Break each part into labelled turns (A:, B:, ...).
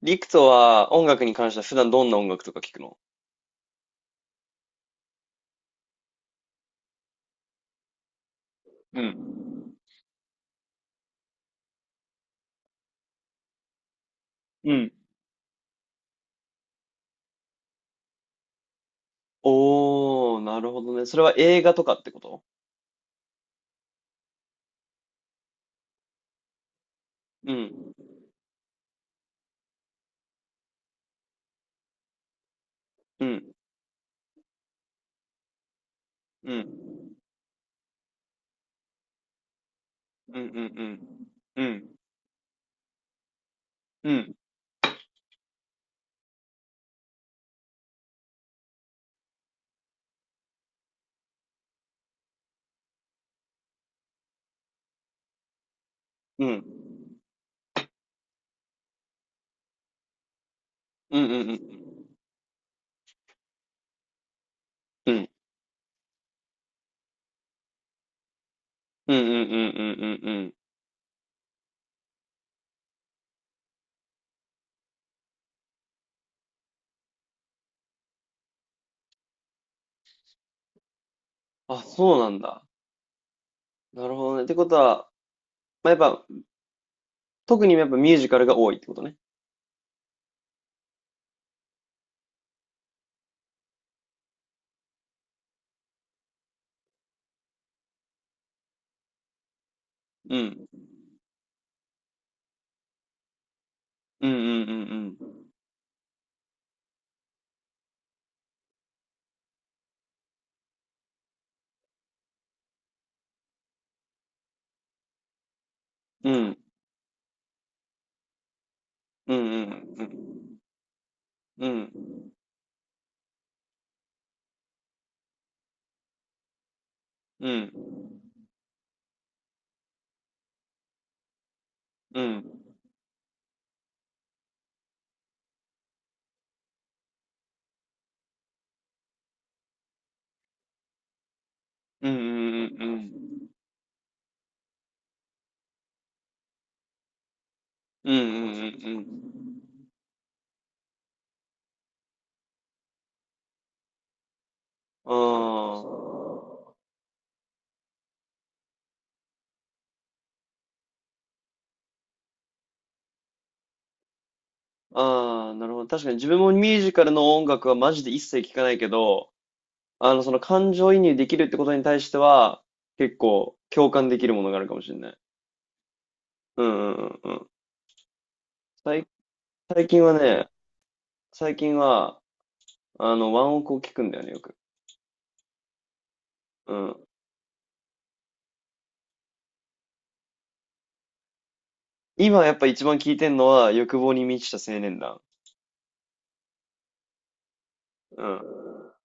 A: リクトは音楽に関しては普段どんな音楽とか聞くの？うん。うん。おー、なるほどね。それは映画とかってこと？うん。うん。うん。うんうんうん。うん。うん。うんうんうんうん。うんうんうんうんうんうんうんうんうんうんうんうんうんうんうんうんうんうん。あ、そうなんだ。なるほどね。ってことは、まあ、やっぱ、特にやっぱミュージカルが多いってことね。うん。うんうんうんうん。うん。うんうんうんうん。うん。うん。うん。うんうんうんうん。うんうんうんうん。ああ、ああ、なるほど。確かに自分もミュージカルの音楽はマジで一切聞かないけど、その感情移入できるってことに対しては、結構共感できるものがあるかもしれない。うんうんうんうん。最、最近はね、最近は、ワンオクを聞くんだよね、よく。うん。今やっぱ一番聞いてんのは、欲望に満ちた青年団。うん。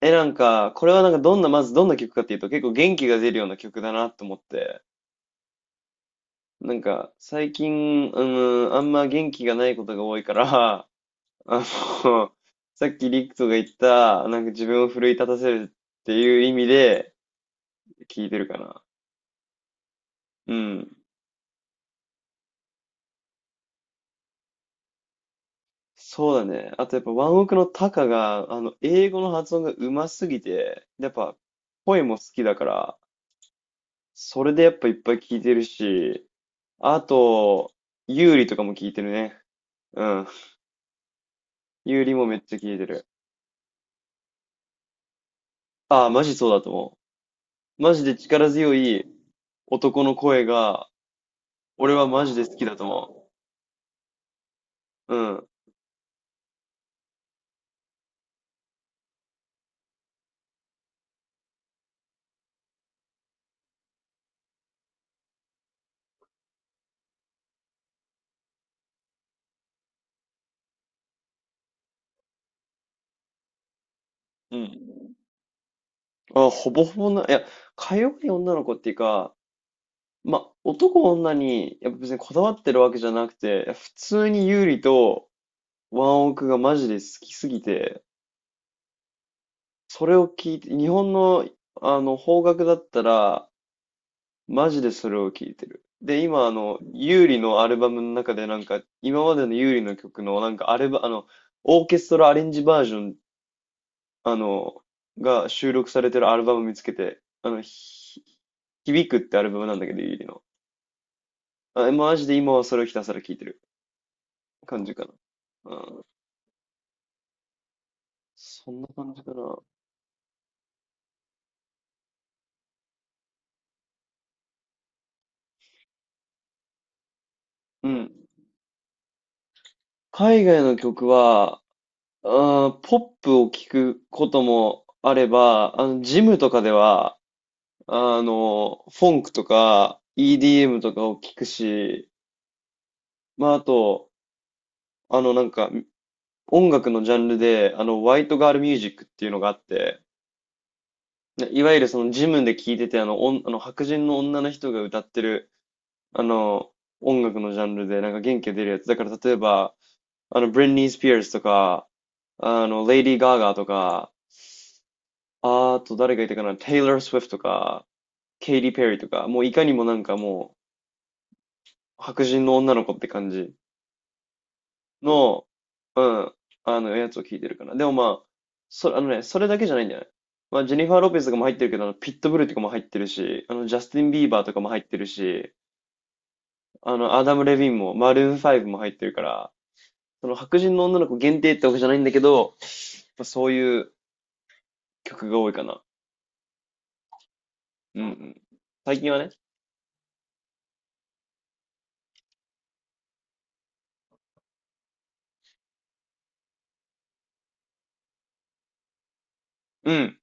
A: え、なんか、これはなんかどんな、まずどんな曲かっていうと、結構元気が出るような曲だなと思って。最近、あのあんま元気がないことが多いから、あの、さっきリクトが言った、なんか自分を奮い立たせるっていう意味で聞いてるかな。うん。そうだね。あとやっぱワンオクのタカが、英語の発音がうますぎて、やっぱ声も好きだから、それでやっぱいっぱい聞いてるし、あと、ユーリとかも聞いてるね。うん。ユーリもめっちゃ聞いてる。ああ、マジそうだと思う。マジで力強い、男の声が、俺はマジで好きだと思う。うん。うん。あ、ほぼほぼな、いや、かように女の子っていうか、まあ、男女に、やっぱ別にこだわってるわけじゃなくて、普通に優里とワンオクがマジで好きすぎて、それを聞いて、日本の、邦楽だったら、マジでそれを聞いてる。で、今、優里のアルバムの中でなんか、今までの優里の曲の、なんか、アルバ、あの、オーケストラアレンジバージョンあの、が収録されてるアルバム見つけて、響くってアルバムなんだけど、ゆりの。あ、マジで今はそれをひたすら聴いてる感じかな。うん、そんな感じかな。うん。海外の曲は、あー、ポップを聴くこともあれば、ジムとかでは、フォンクとか EDM とかを聴くし、まあ、あと、あの、なんか、音楽のジャンルで、ホワイトガールミュージックっていうのがあって、いわゆるそのジムで聴いてて、あの、おんあの白人の女の人が歌ってる、あの、音楽のジャンルで、なんか元気が出るやつ。だから例えば、ブリンニー・スピアーズとか、レイディー・ガーガーとか、あと誰がいたかな、テイラー・スウィフトとか、ケイティ・ペリーとか、もういかにもなんかもう、白人の女の子って感じの、うん、やつを聴いてるかな。でもまあ、あのね、それだけじゃないんじゃない？まあ、ジェニファー・ロペスとかも入ってるけど、あのピットブルとかも入ってるし、ジャスティン・ビーバーとかも入ってるし、アダム・レヴィンも、マルーン5も入ってるから、その白人の女の子限定ってわけじゃないんだけど、まあそういう曲が多いかな。うんうん。最近はね。うん。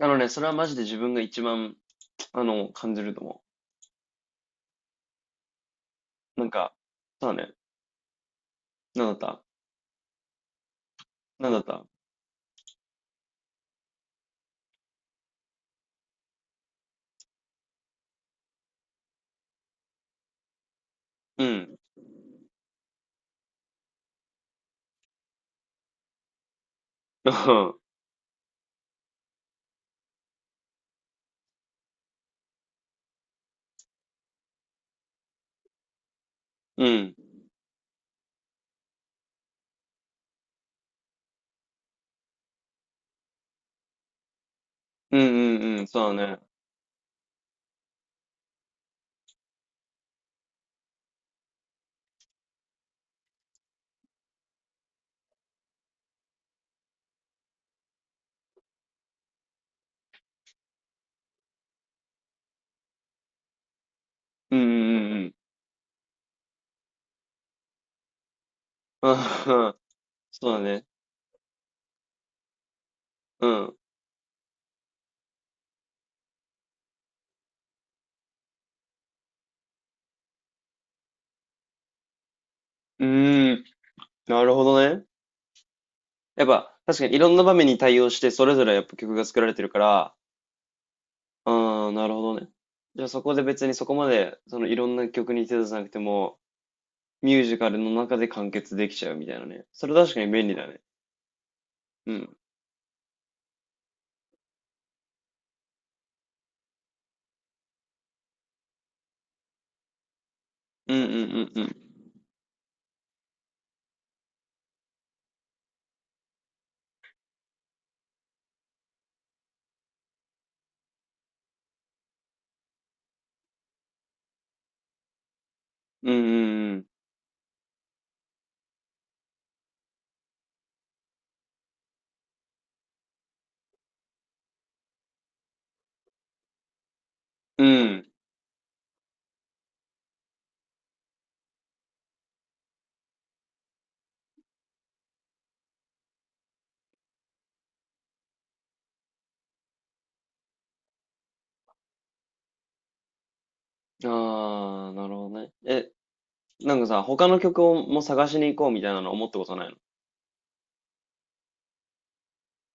A: あのね、それはマジで自分が一番、感じると思う。そうだね。なんだったなんだったうん。うん。うんうんうん。そうだね。うんうんうんうん。あん。そうだね。うん。うーん。なるほどね。やっぱ、確かにいろんな場面に対応して、それぞれやっぱ曲が作られてるから、ああ、なるほどね。じゃあそこで別にそこまで、そのいろんな曲に手出さなくても、ミュージカルの中で完結できちゃうみたいなね。それ確かに便利だね。うん。うんうんうんうん。うんうんうん。うん。ああ、なるほどね。え、なんかさ、他の曲をも探しに行こうみたいなの思ったことないの？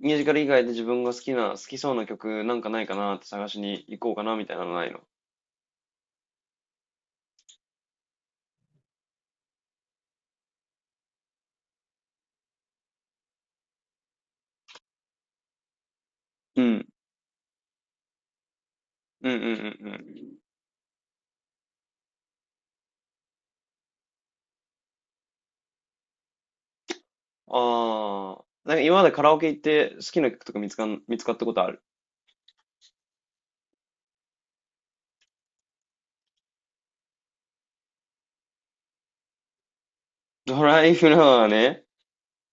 A: ミュージカル以外で自分が好きな、好きそうな曲なんかないかなって探しに行こうかなみたいなのないの？うん。うんうんうんうん。ああ。なんか今までカラオケ行って好きな曲とか見つかったことある？ドライフラワーね。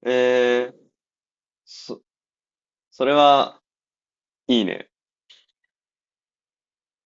A: えー、そ、それは、いいね。